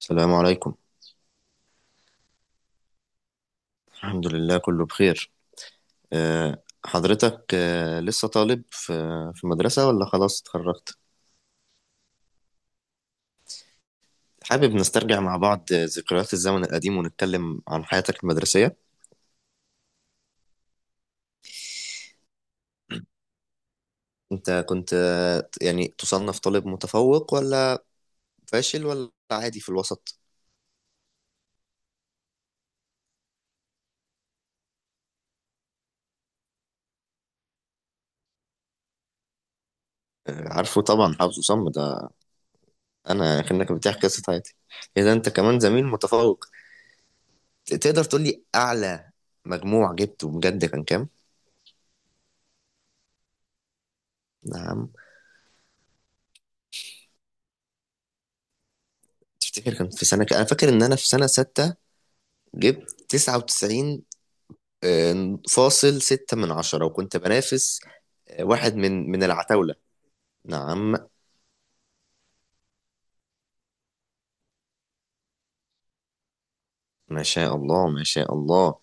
السلام عليكم. الحمد لله كله بخير. حضرتك لسه طالب في مدرسة ولا خلاص اتخرجت؟ حابب نسترجع مع بعض ذكريات الزمن القديم ونتكلم عن حياتك المدرسية. انت كنت يعني تصنف طالب متفوق ولا فاشل ولا عادي في الوسط؟ عارفه طبعا، حافظه صم ده. انا كأنك بتحكي قصة حياتي، اذا انت كمان زميل متفوق. تقدر تقول لي اعلى مجموع جبته بجد كان كام؟ نعم. تفتكر كان في سنة انا فاكر ان انا في سنة ستة جبت 99 فاصل ستة من عشرة، وكنت بنافس واحد من العتاولة. نعم. ما شاء الله، ما شاء الله.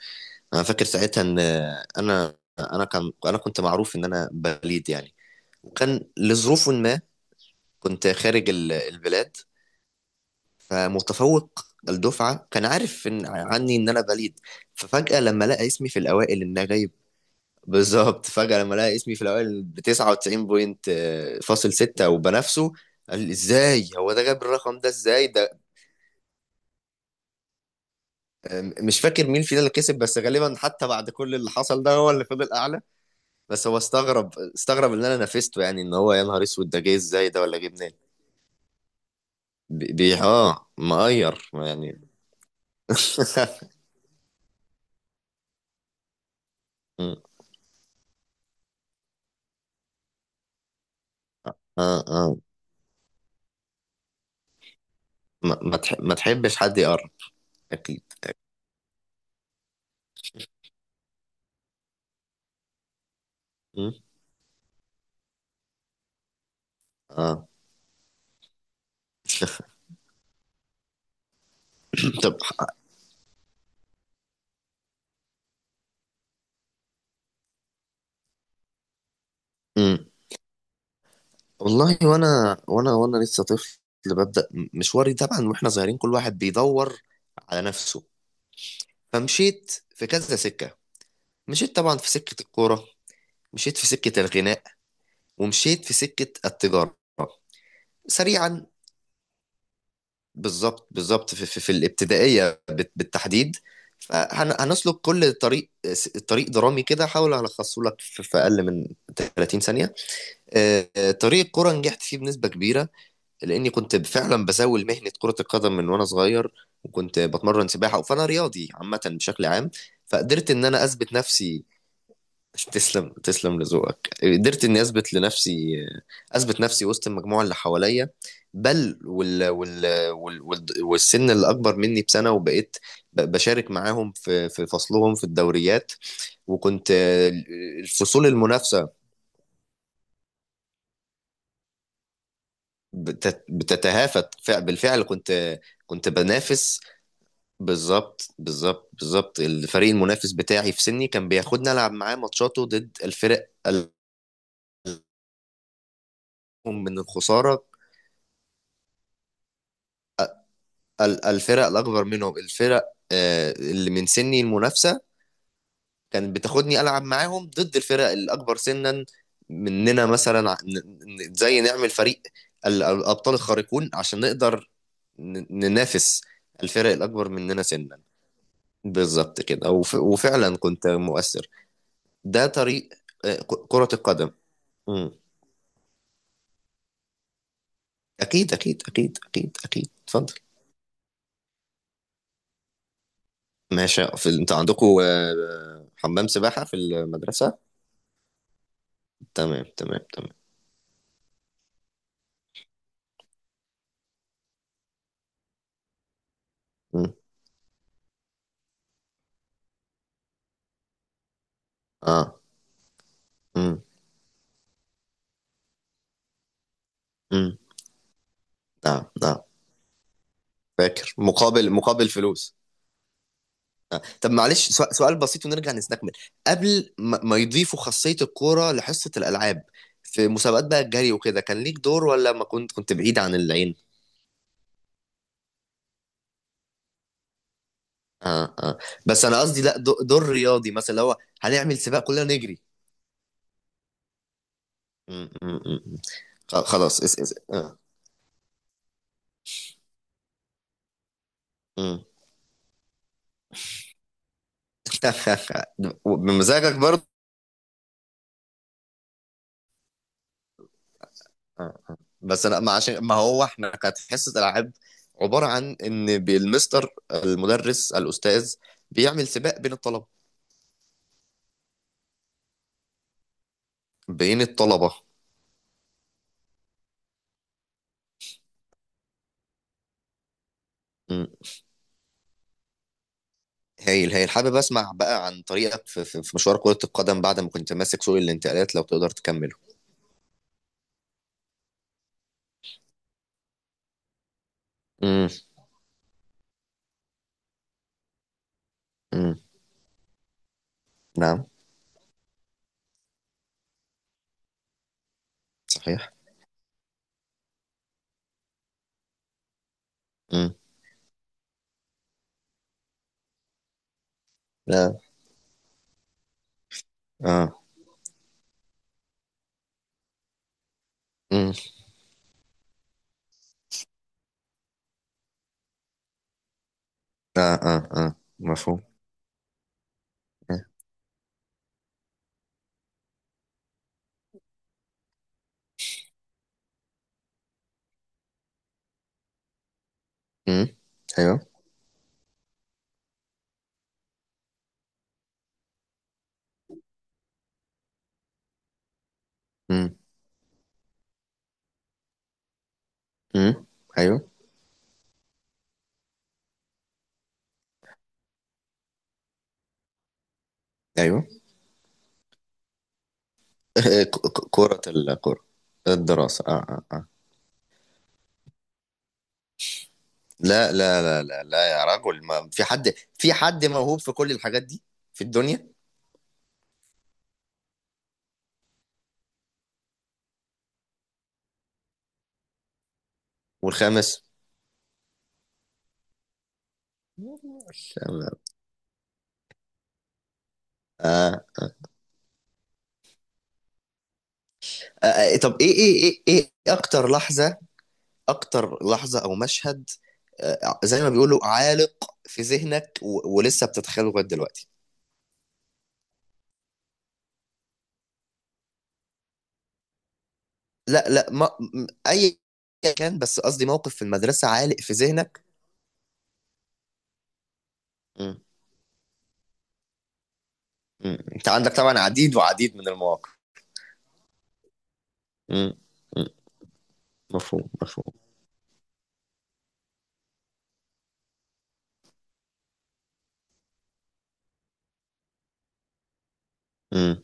أنا فاكر ساعتها إن أنا كنت معروف إن أنا بليد يعني، وكان لظروف ما كنت خارج البلاد، فمتفوق الدفعة كان عارف إن عني إن أنا بليد. ففجأة لما لقى اسمي في الأوائل إن أنا جاي، بالظبط، فجأة لما لقى اسمي في الأوائل ب 99 بوينت فاصل ستة وبنافسه، قال لي ازاي هو ده جاب الرقم ده، ازاي ده. مش فاكر مين فينا اللي كسب، بس غالبا حتى بعد كل اللي حصل ده، هو اللي فضل أعلى. بس هو استغرب، استغرب إن أنا نافسته، يعني إن هو يا نهار أسود، ده جه ازاي، ده ولا جه منين. مقير يعني. م، اه، اه. ما تحبش حد يقرب. أكيد. م، اه. طب. م. والله، وانا لسه طفل، ببدأ مشواري. طبعا واحنا صغيرين، كل واحد بيدور على نفسه، فمشيت في كذا سكة. مشيت طبعا في سكة الكورة، مشيت في سكة الغناء، ومشيت في سكة التجارة. سريعا، بالظبط. بالظبط في الابتدائية بالتحديد. فهنسلك كل طريق، طريق درامي كده، هحاول الخصه لك في اقل من 30 ثانية. طريق الكورة نجحت فيه بنسبة كبيرة، لاني كنت فعلا بزاول مهنه كره القدم من وانا صغير، وكنت بتمرن سباحه، فانا رياضي عامه بشكل عام، فقدرت ان انا اثبت نفسي. تسلم، تسلم لذوقك. قدرت اني اثبت لنفسي، اثبت نفسي وسط المجموعه اللي حواليا، بل والسن اللي اكبر مني بسنه، وبقيت بشارك معاهم في فصلهم في الدوريات. وكنت الفصول المنافسه بتتهافت، بالفعل كنت، كنت بنافس. بالظبط الفريق المنافس بتاعي في سني، كان بياخدنا العب معاه ماتشاته ضد الفرق الأقوم، من الخساره. الفرق الاكبر منهم، الفرق اللي من سني المنافسه كانت بتاخدني العب معاهم ضد الفرق الاكبر سنا مننا، مثلا زي نعمل فريق الابطال الخارقون عشان نقدر ننافس الفرق الاكبر مننا سنا. بالظبط كده، وفعلا كنت مؤثر. ده طريق كرة القدم. اكيد، اكيد، اكيد، اكيد، اكيد، اتفضل. ماشي، انت عندكم حمام سباحة في المدرسة؟ تمام، تمام، تمام. مم. اه. مم. مم. نعم، نعم. فاكر مقابل فلوس؟ طب معلش، سؤال بسيط ونرجع نستكمل، قبل ما يضيفوا خاصية الكورة لحصة الألعاب، في مسابقات بقى الجري وكده، كان ليك دور ولا ما كنت، بعيد عن العين؟ اه، اه. بس انا قصدي، لا، دور رياضي مثلا، اللي هو هنعمل سباق كلنا نجري. مم. مم. مم. خلاص. اس اس آه. مم. بمزاجك برضه. بس لا، ما عشان ما هو احنا كانت حصه العاب، عباره عن ان بالمستر المدرس الاستاذ بيعمل سباق بين الطلبه. بين الطلبه. مم. هايل، هايل. حابب اسمع بقى عن طريقك في مشوار كره القدم بعد ما كنت ماسك سوق الانتقالات، لو تقدر تكمله. مم. مم. نعم. صحيح. مم. لا. اه. مم. اه، اه، اه. مفهوم. مم. ايوه. مم. مم. ايوه، ايوه. ك- ك- كرة الكرة. الدراسة. لا، لا، لا، لا، لا، يا رجل، ما في حد، موهوب في كل الحاجات دي، في الدنيا. والخامس. تمام. آه. طب ايه اكتر لحظة، اكتر لحظة او مشهد، زي ما بيقولوا، عالق في ذهنك ولسه بتتخيله لغاية دلوقتي؟ لا، لا، ما م- اي كان، بس قصدي موقف في المدرسة عالق في ذهنك. م. م. انت عندك طبعا عديد وعديد من المواقف. م. مفهوم، مفهوم. مم.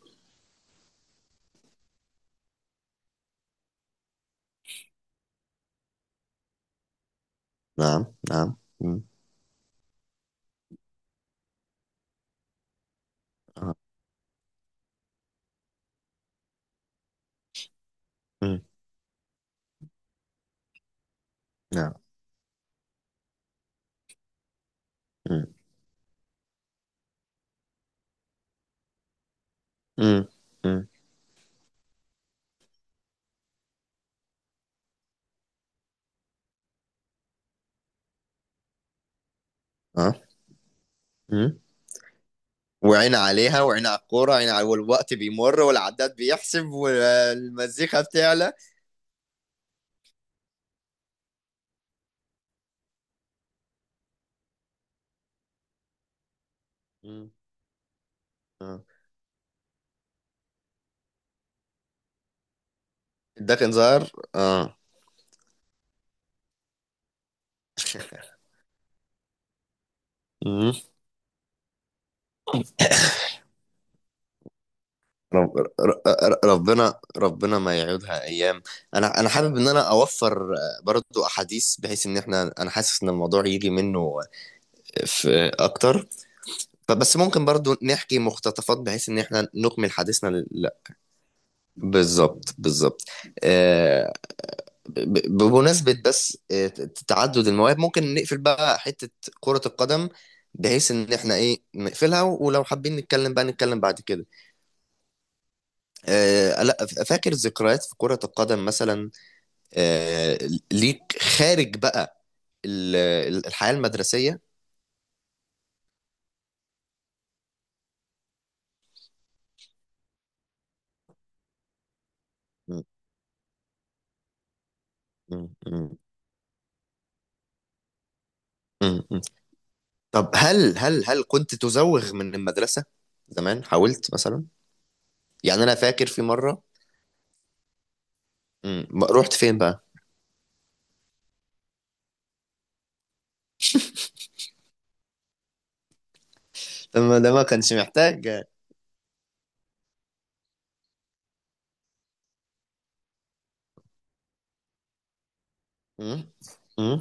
نعم، نعم. مم. آه. مم. نعم. مم. مم. مم. آه. مم. وعين عليها، وعين على الكورة، وعين على والوقت بيمر، والعداد بيحسب، والمزيكا بتعلى. مم. آه. الدخن ظهر، اه. مم. رب... ر- ر- ربنا ربنا ما يعودها ايام. انا حابب ان انا اوفر برضو احاديث، بحيث ان انا حاسس ان الموضوع يجي منه في اكتر، فبس ممكن برضو نحكي مقتطفات بحيث ان احنا نكمل حديثنا لا، بالظبط. آه، بمناسبة، بس تعدد المواهب، ممكن نقفل بقى حتة كرة القدم، بحيث ان احنا ايه نقفلها، ولو حابين نتكلم بقى نتكلم بعد كده. لا، فاكر ذكريات في كرة القدم مثلا، آه، ليك خارج بقى الحياة المدرسية. م- م- م- م- طب هل كنت تزوغ من المدرسة زمان، حاولت مثلا؟ يعني أنا فاكر في مرة. مم. رحت فين بقى؟ لما ده ما كانش محتاج. مم. مم.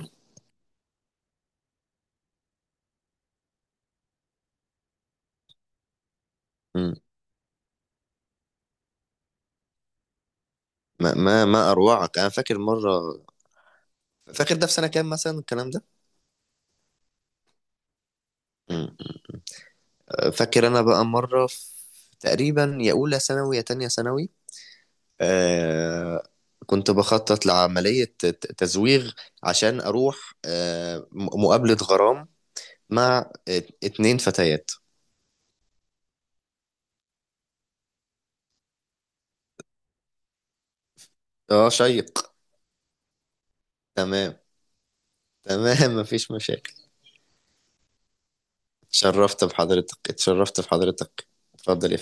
مم. ما أروعك! أنا فاكر مرة. فاكر ده في سنة كام مثلا الكلام ده؟ مم. فاكر أنا بقى مرة في، تقريبا يا أولى ثانوي يا تانية ثانوي. آه كنت بخطط لعملية تزويغ، عشان أروح مقابلة غرام مع 2 فتيات. اه، شيق. تمام. تمام. مفيش مشاكل. اتشرفت بحضرتك، اتشرفت بحضرتك. اتفضل.